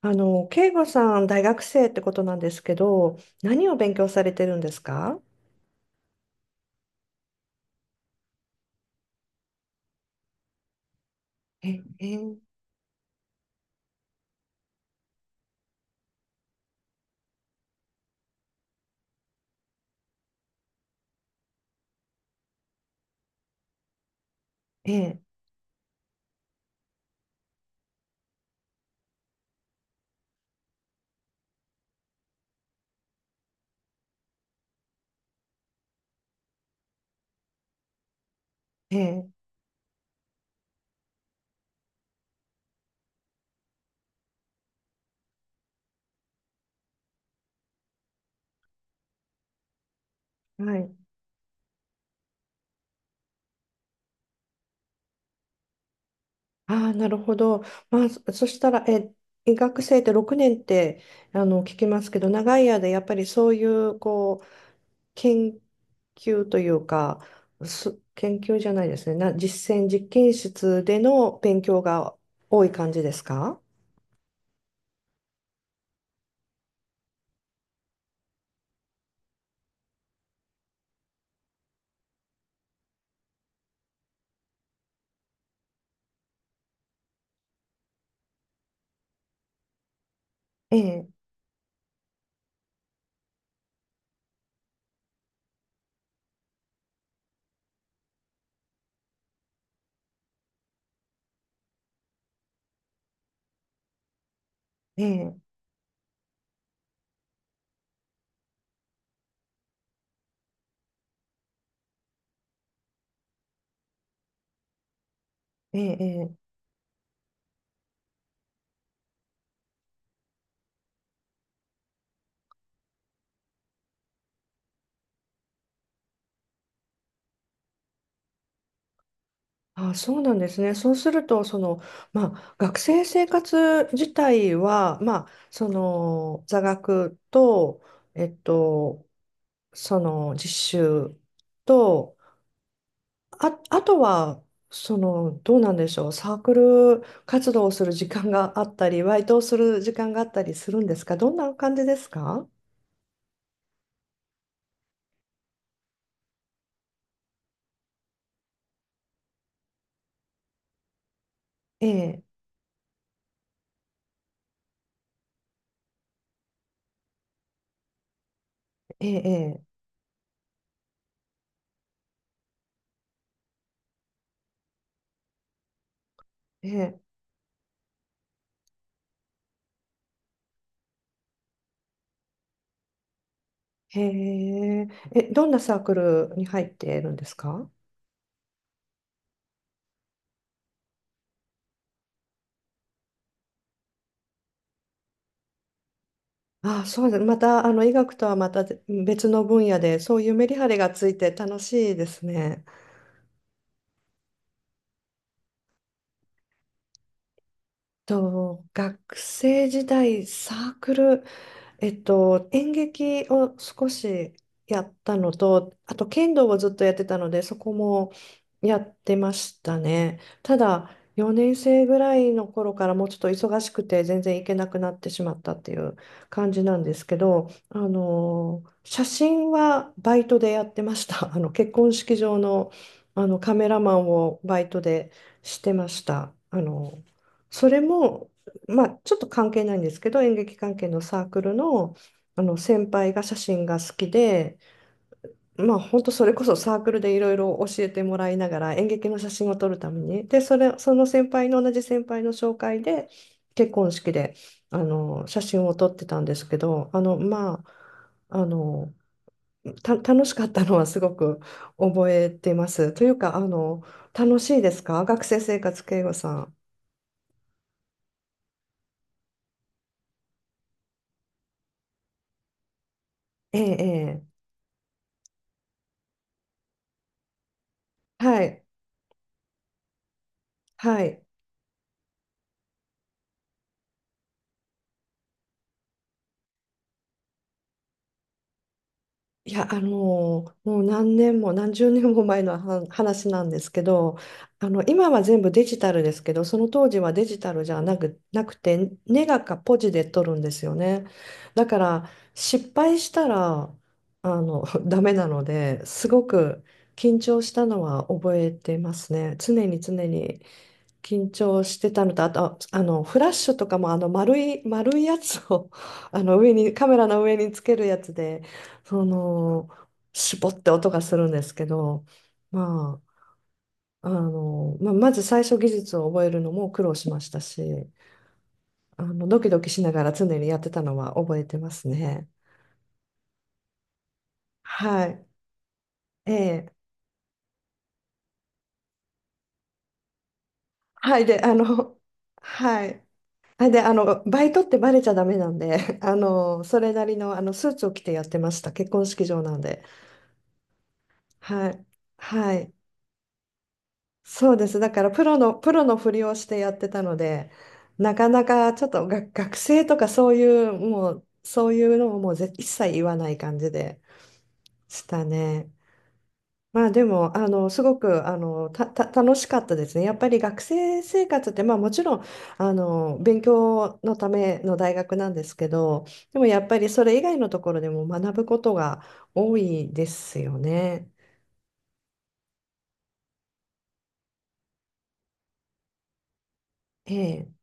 慶吾さん、大学生ってことなんですけど、何を勉強されてるんですか？え、え、え、え、はい。ああ、なるほど。まあ、そしたら、医学生って6年って、聞きますけど、長い間、やっぱりそういう、こう、研究というか、研究じゃないですね。実践、実験室での勉強が多い感じですか？ええ、ええ、ええ、えあ、そうなんですね。そうすると、その、まあ、学生生活自体は、まあ、座学と、えっと、実習と、あ、あとは、どうなんでしょう、サークル活動をする時間があったり、バイトをする時間があったりするんですか？どんな感じですか？ええ、ええ、ええ、ええ、へええ、どんなサークルに入っているんですか？あ、そうです。また、医学とはまた別の分野で、そういうメリハリがついて楽しいですね。学生時代、サークル、演劇を少しやったのと、あと剣道をずっとやってたので、そこもやってましたね。ただ、4年生ぐらいの頃からもうちょっと忙しくて全然行けなくなってしまったっていう感じなんですけど、写真はバイトでやってました。結婚式場の、カメラマンをバイトでしてました。それもまあ、ちょっと関係ないんですけど、演劇関係のサークルの、あの先輩が写真が好きで、まあ、本当それこそサークルでいろいろ教えてもらいながら演劇の写真を撮るために、で、その先輩の同じ先輩の紹介で結婚式で写真を撮ってたんですけど、あの、まあ、あのた楽しかったのはすごく覚えてます。というか、楽しいですか？学生生活、慶吾さん。ええ、ええ。はい、はい。いや、もう何年も何十年も前のは話なんですけど、今は全部デジタルですけど、その当時はデジタルじゃなく、なくて、ネガかポジで撮るんですよね。だから、失敗したら、ダメなので、すごく緊張したのは覚えてますね。常に常に。緊張してたのと、あと、フラッシュとかも、丸い、丸いやつを 上に、カメラの上につけるやつで、その、絞って音がするんですけど、まあ、まず最初技術を覚えるのも苦労しましたし、ドキドキしながら常にやってたのは覚えてますね。はい。ええ。はい。で、はい。あ、で、バイトってバレちゃダメなんで、それなりの、スーツを着てやってました。結婚式場なんで。はい。はい。そうです。だから、プロのふりをしてやってたので、なかなかちょっとが学生とかそういう、もう、そういうのをもう一切言わない感じでしたね。まあでも、すごく、あの、た、た、楽しかったですね。やっぱり学生生活って、まあもちろん、勉強のための大学なんですけど、でもやっぱりそれ以外のところでも学ぶことが多いですよね。ええ、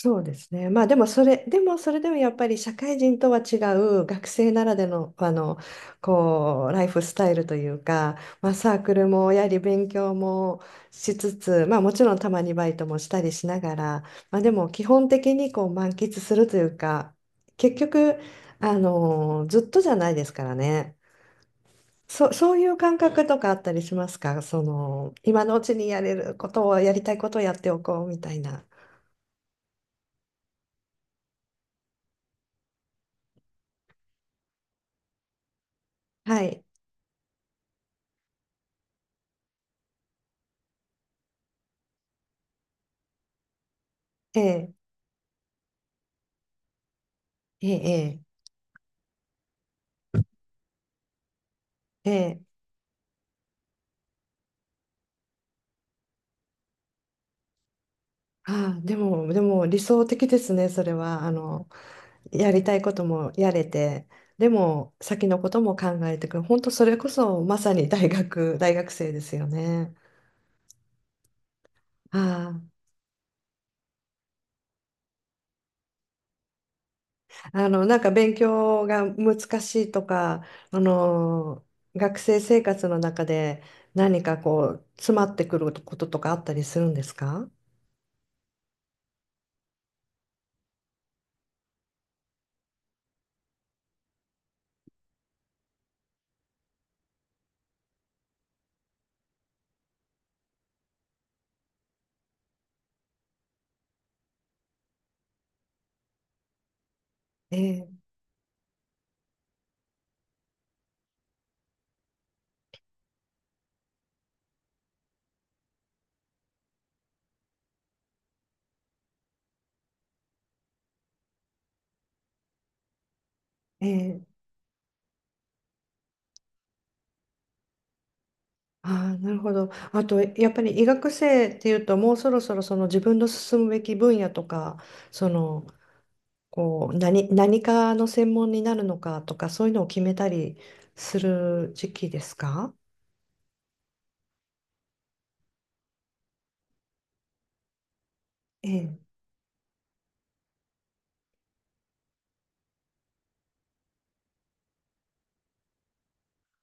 そうですね。まあでもそれでもやっぱり社会人とは違う学生ならでの、こう、ライフスタイルというか、まあサークルもやはり勉強もしつつ、まあもちろんたまにバイトもしたりしながら、まあでも基本的にこう満喫するというか、結局、ずっとじゃないですからね。そういう感覚とかあったりしますか？今のうちにやれることを、やりたいことをやっておこうみたいな。はい。ええええ、ええ、ええ、ああ、でも理想的ですね、それは。やりたいこともやれて、でも、先のことも考えてくる。本当、それこそ、まさに 大学生ですよね。ああ、なんか勉強が難しいとか、あの、学生生活の中で何かこう、詰まってくることとかあったりするんですか？ええ、ええ、ああ、なるほど。あと、やっぱり医学生っていうと、もうそろそろその自分の進むべき分野とか、その、こう、何かの専門になるのかとか、そういうのを決めたりする時期ですか？ええ。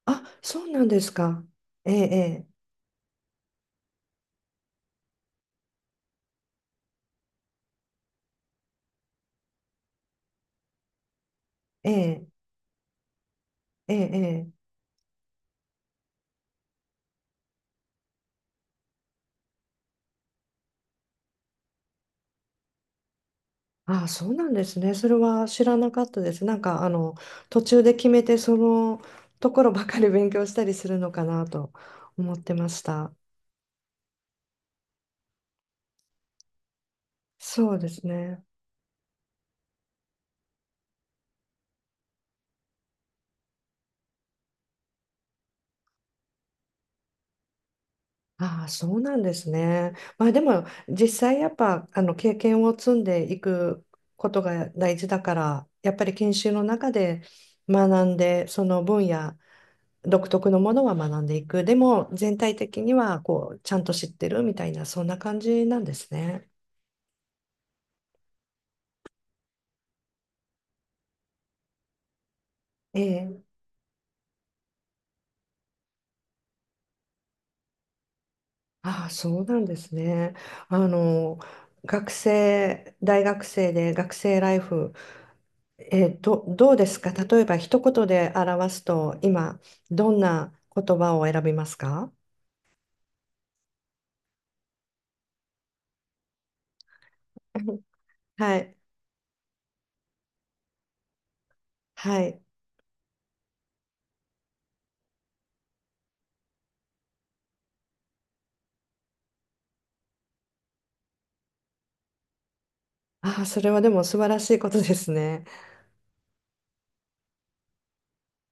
あ、そうなんですか。ええ、ええ、ええ、ええ。ああ、そうなんですね。それは知らなかったです。なんか、途中で決めて、そのところばかり勉強したりするのかなと思ってました。そうですね。ああ、そうなんですね。まあでも、実際やっぱ、経験を積んでいくことが大事だから、やっぱり研修の中で学んで、その分野、独特のものは学んでいく。でも、全体的には、こう、ちゃんと知ってるみたいな、そんな感じなんですね。ええ、ああ、そうなんですね。あの、大学生で学生ライフ、どうですか？例えば一言で表すと、今、どんな言葉を選びますか？うん はい。はい。ああ、それはでも素晴らしいことですね。